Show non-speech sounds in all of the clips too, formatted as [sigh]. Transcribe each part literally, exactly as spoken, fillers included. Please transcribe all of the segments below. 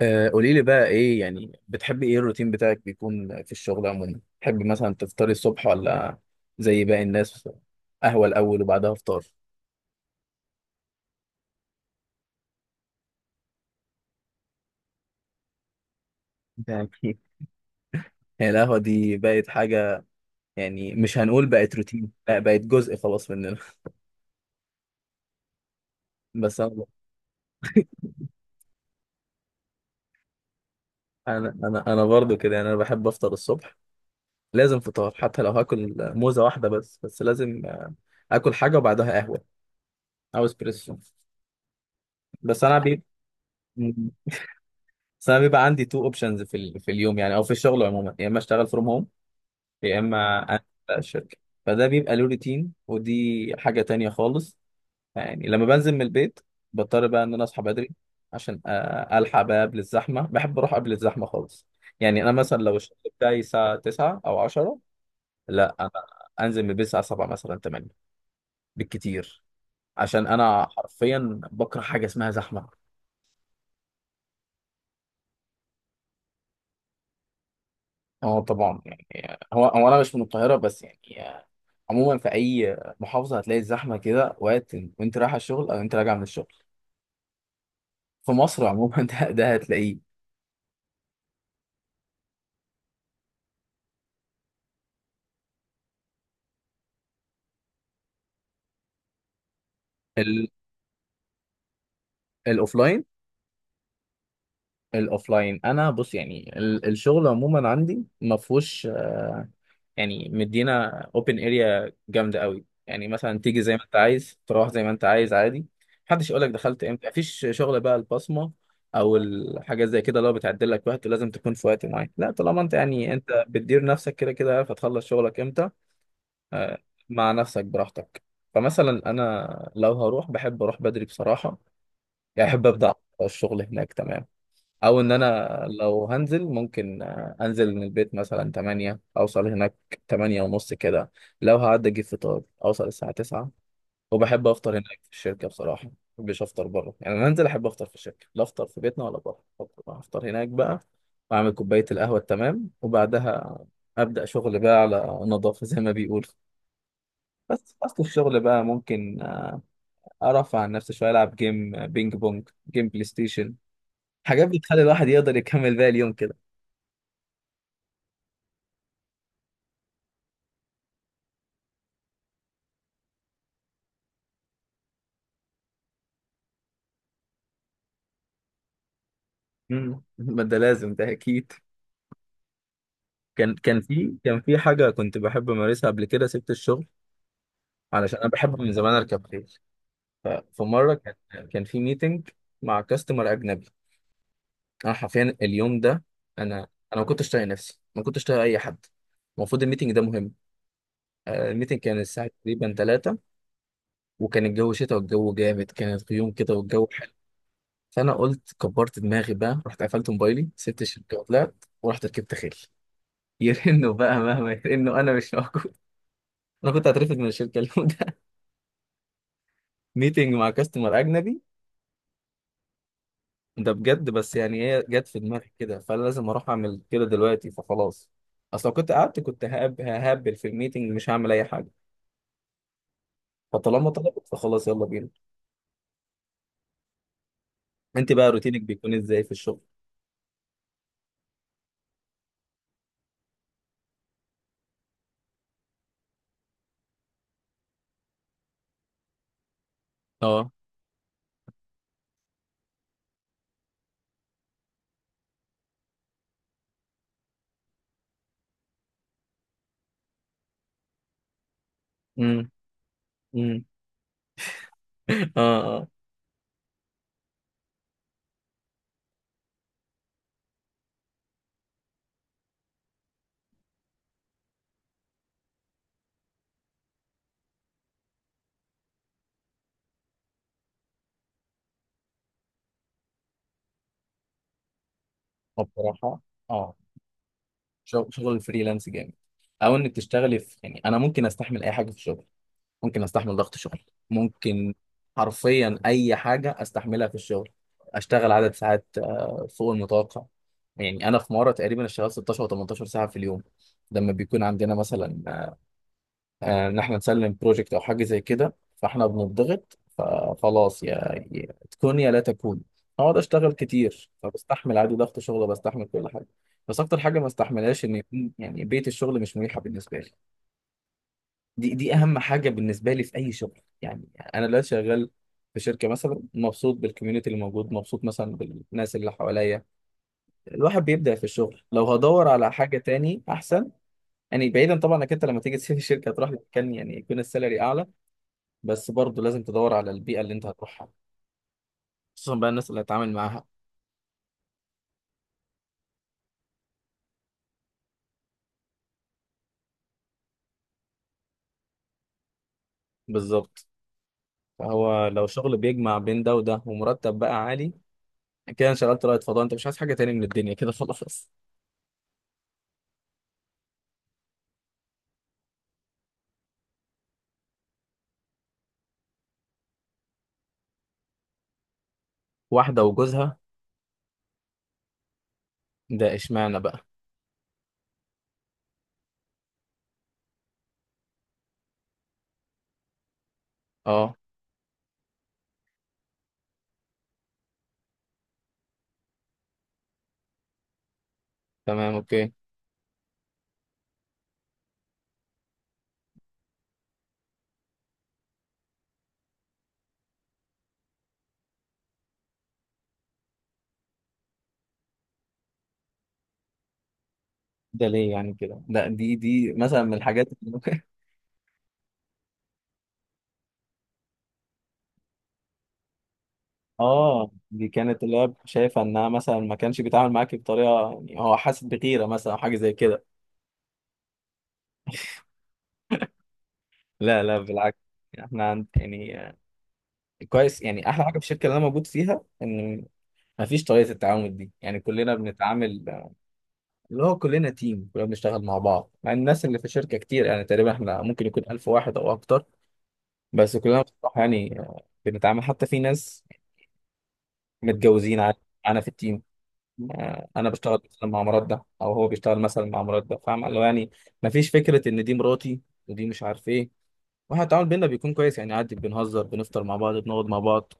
آه، قولي لي بقى ايه يعني بتحبي ايه الروتين بتاعك بيكون في الشغل عموما؟ بتحبي مثلا تفطري الصبح ولا زي باقي الناس؟ قهوة الاول وبعدها فطار يعني؟ [laughs] هي القهوة دي بقت حاجة. يعني مش هنقول بقت روتين، لا بقت جزء خلاص مننا. [laughs] بس انا انا انا أنا برضو كده، يعني انا بحب افطر الصبح. لازم فطار، حتى لو هاكل موزة واحدة بس بس لازم آه، اكل حاجة وبعدها قهوة او اسبريسو. بس انا بي بس انا بيبقى عندي تو اوبشنز في ال- في اليوم، يعني او في الشغل عموما. يا اما اشتغل فروم هوم، يا اما انزل بقى الشركه. فده بيبقى له روتين، ودي حاجه تانية خالص. يعني لما بنزل من البيت بضطر بقى ان انا اصحى بدري عشان أ- الحق بقى قبل الزحمه. بحب اروح قبل الزحمه خالص. يعني انا مثلا لو الشغل بتاعي الساعه تسعة او عشرة، لا انا انزل من البيت الساعه سبعة مثلا تمانية بالكتير، عشان انا حرفيا بكره حاجه اسمها زحمه. اه طبعا، يعني هو هو انا مش من القاهره، بس يعني آه، عموما في اي محافظه هتلاقي الزحمه كده، وقت وانت رايح الشغل او انت راجع من الشغل في مصر عموما. [laughs] ده ده هتلاقيه. ال- الاوفلاين، الاوفلاين انا بص يعني ال- الشغل عموما عندي ما فيهوش. يعني مدينا اوبن اريا جامده قوي، يعني مثلا تيجي زي ما انت عايز، تروح زي ما انت عايز عادي. محدش يقول لك دخلت امتى، مفيش شغل بقى البصمه او الحاجات زي كده اللي هو بتعدل لك وقت ولازم تكون في وقت معين. لا، طالما انت يعني انت بتدير نفسك كده كده، عارف هتخلص شغلك امتى آه، مع نفسك براحتك. فمثلا انا لو هروح بحب اروح بدري بصراحه، يعني احب ابدا الشغل هناك تمام. او ان انا لو هنزل ممكن آه، انزل من البيت مثلا تمانية، اوصل هناك تمانية ونص كده. لو هعدي اجيب فطار اوصل الساعه تسعة، وبحب افطر هناك في الشركه بصراحه. ما بحبش افطر بره، يعني انا انزل احب افطر في الشركه. لا افطر في بيتنا ولا بره، افطر أفطر هناك بقى، واعمل كوبايه القهوه التمام، وبعدها ابدا شغل بقى على نظافه زي ما بيقولوا. بس اصل الشغل بقى ممكن آه، ارفع عن نفسي شويه، العب جيم آه، بينج بونج، جيم، بلاي ستيشن، حاجات بتخلي الواحد يقدر يكمل باقي اليوم كده. مم. ما ده لازم، ده اكيد. كان كان في كان في حاجه كنت بحب امارسها قبل كده، سبت الشغل. علشان انا بحب من زمان اركب خيل. ففي مره كان كان في ميتنج مع كاستمر اجنبي. انا حرفيا اليوم ده انا انا ما كنتش طايق نفسي، ما كنتش طايق اي حد. المفروض الميتنج ده مهم. آه، الميتنج كان الساعه تقريبا تلاتة، وكان الجو شتاء، والجو جامد، كانت غيوم كده، والجو حلو. فانا قلت كبرت دماغي بقى، رحت قفلت موبايلي، سبت الشركه وطلعت، ورحت ركبت خيل. [laughs] يرنوا بقى، مهما يرنوا انا مش موجود. انا كنت هترفد من الشركه اليوم ده. [laughs] ميتنج مع كاستمر اجنبي. ده بجد، بس يعني هي جت في دماغي كده، فانا لازم اروح اعمل كده دلوقتي، فخلاص. اصل لو كنت قعدت كنت ههب- ههبل في الميتنج، مش هعمل اي حاجه. فطالما طلبت فخلاص، يلا بينا. انت بقى روتينك بيكون ازاي في الشغل؟ اه. امم. امم. [laughs] اه، اه. آه، بصراحه، اه، شغل شغل الفريلانس جامد، او انك تشتغلي في، يعني انا ممكن استحمل اي حاجه في الشغل. ممكن استحمل ضغط شغل، ممكن حرفيا اي حاجه استحملها في الشغل. اشتغل عدد ساعات آه، فوق المتوقع، يعني انا في مره تقريبا اشتغلت ستاشر او تمنتاشر ساعه في اليوم. لما بيكون عندنا مثلا آه، آه، ان احنا نسلم بروجكت او حاجه زي كده، فاحنا بنضغط، فخلاص يا يا تكون يا لا تكون. اقعد اشتغل كتير، فبستحمل عادي ضغط شغل وبستحمل كل حاجه. بس اكتر حاجه ما استحملهاش ان يكون يعني بيئه الشغل مش مريحه بالنسبه لي. دي دي اهم حاجه بالنسبه لي في اي شغل يعني. انا لا شغال في شركه مثلا، مبسوط بالكوميونتي اللي موجود، مبسوط مثلا بالناس اللي حواليا، الواحد بيبدا في الشغل لو هدور على حاجه تاني احسن. يعني بعيدا طبعا انك انت لما تيجي تسيب [laughs] الشركه هتروح لمكان يعني يكون السالري اعلى، بس برضه لازم تدور على البيئه اللي انت هتروحها، خصوصا بقى الناس اللي هتتعامل معاها. بالظبط. فهو لو شغل بيجمع بين ده وده، ومرتب بقى عالي، كده انشغلت رائد فضاء، انت مش عايز حاجه تاني من الدنيا، كده خلاص. واحده وجوزها؟ ده اشمعنى بقى؟ اه. تمام، اوكي. ده ليه يعني كده؟ ده دي دي مثلا من الحاجات اللي ممكن. [laughs] اه، دي كانت اللي هي شايفه انها مثلا ما كانش بيتعامل معاك بطريقه، يعني هو حاسس بغيره مثلا او حاجه زي كده؟ لا، لا بالعكس. احنا عند يعني آه، كويس، يعني احلى حاجه في الشركه اللي انا موجود فيها ان ما فيش طريقه التعامل دي. يعني كلنا بنتعامل آه، اللي هو كلنا تيم، كلنا بنشتغل مع بعض. مع الناس اللي في الشركه كتير، يعني تقريبا احنا ممكن يكون الف واحد او اكتر، بس كلنا بصراحه يعني آه، بنتعامل، حتى في ناس متجوزين عادي معانا في التيم. آه، انا بشتغل مثلا مع مراد ده، او هو بيشتغل مثلا مع مراد ده، فاهم؟ اللي هو يعني مفيش فكره ان دي مراتي، ودي مش عارف ايه. واحنا التعامل بينا بيكون كويس، يعني عادي بنهزر، بنفطر مع بعض، بنقعد مع بعض،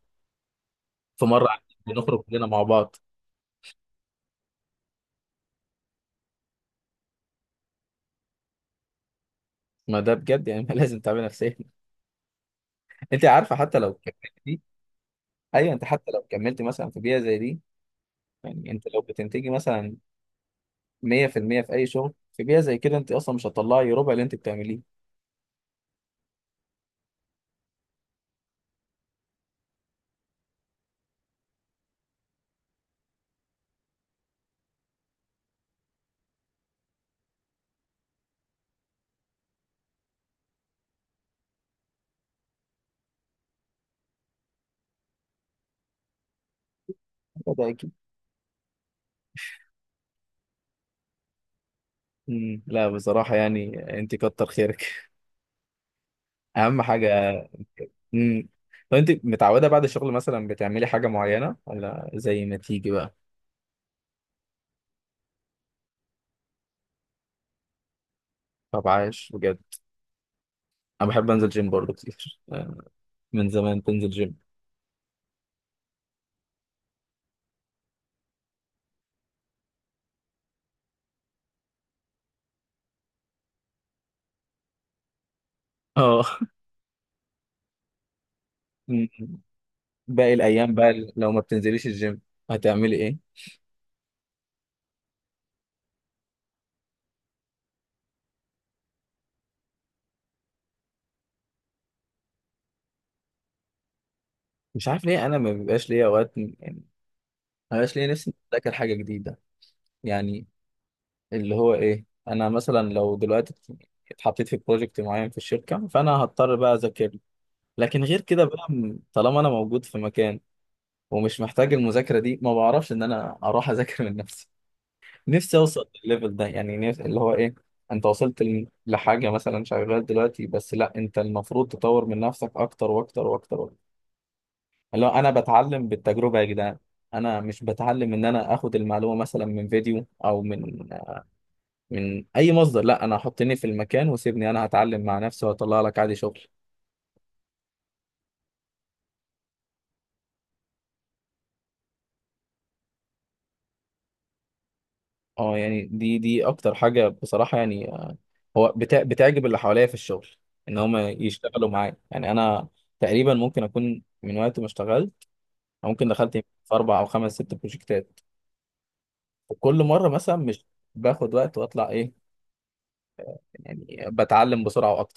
في مره عادي بنخرج كلنا مع بعض. ما ده بجد، يعني [laughs] ما لازم تعمل نفسيا. انت عارفه حتى لو كملتي، ايوه انت حتى لو كملتي مثلا في بيئه زي دي، يعني انت لو بتنتجي مثلا مية في المية في المية في اي شغل، في بيئه زي كده انت اصلا مش هتطلعي ربع اللي انت بتعمليه. ده ده اكيد. مم، لا بصراحه يعني انت كتر خيرك. [laughs] اهم حاجه. امم. طب انت متعوده بعد الشغل مثلا بتعملي حاجه معينه، ولا زي ما تيجي بقى؟ طب عايش بجد. انا بحب انزل جيم برضه كتير. [laughs] من زمان بنزل جيم. اه. أمم. باقي الايام بقى لو ما بتنزليش الجيم هتعملي ايه؟ مش عارف ليه، انا ما بيبقاش ليا اوقات يعني، ما بيبقاش ليا نفسي اذاكر حاجه جديده. يعني اللي هو ايه، انا مثلا لو دلوقتي اتحطيت في بروجكت معين في الشركه، فانا هضطر بقى اذاكر. لكن غير كده بقى، م- طالما انا موجود في مكان ومش محتاج المذاكرة دي، ما بعرفش ان انا اروح اذاكر من نفسي. نفسي اوصل للليفل ده، يعني نفس- اللي هو ايه، انت وصلت ل- لحاجة مثلا، شغال دلوقتي بس، لا انت المفروض تطور من نفسك اكتر واكتر واكتر واكتر. اللي هو انا بتعلم بالتجربة يا جدعان. انا مش بتعلم ان انا اخد المعلومة مثلا من فيديو او من من اي مصدر، لا انا حطني في المكان وسيبني، انا هتعلم مع نفسي وهطلع لك عادي شغل. اه، يعني دي دي اكتر حاجه بصراحه، يعني آه، هو بتع- بتعجب اللي حواليا في الشغل، ان هم يشتغلوا معايا. يعني انا تقريبا ممكن اكون من وقت ما اشتغلت، أو ممكن دخلت في اربع او خمس ست بروجكتات، وكل مره مثلا مش باخد وقت واطلع ايه، يعني بتعلم بسرعه.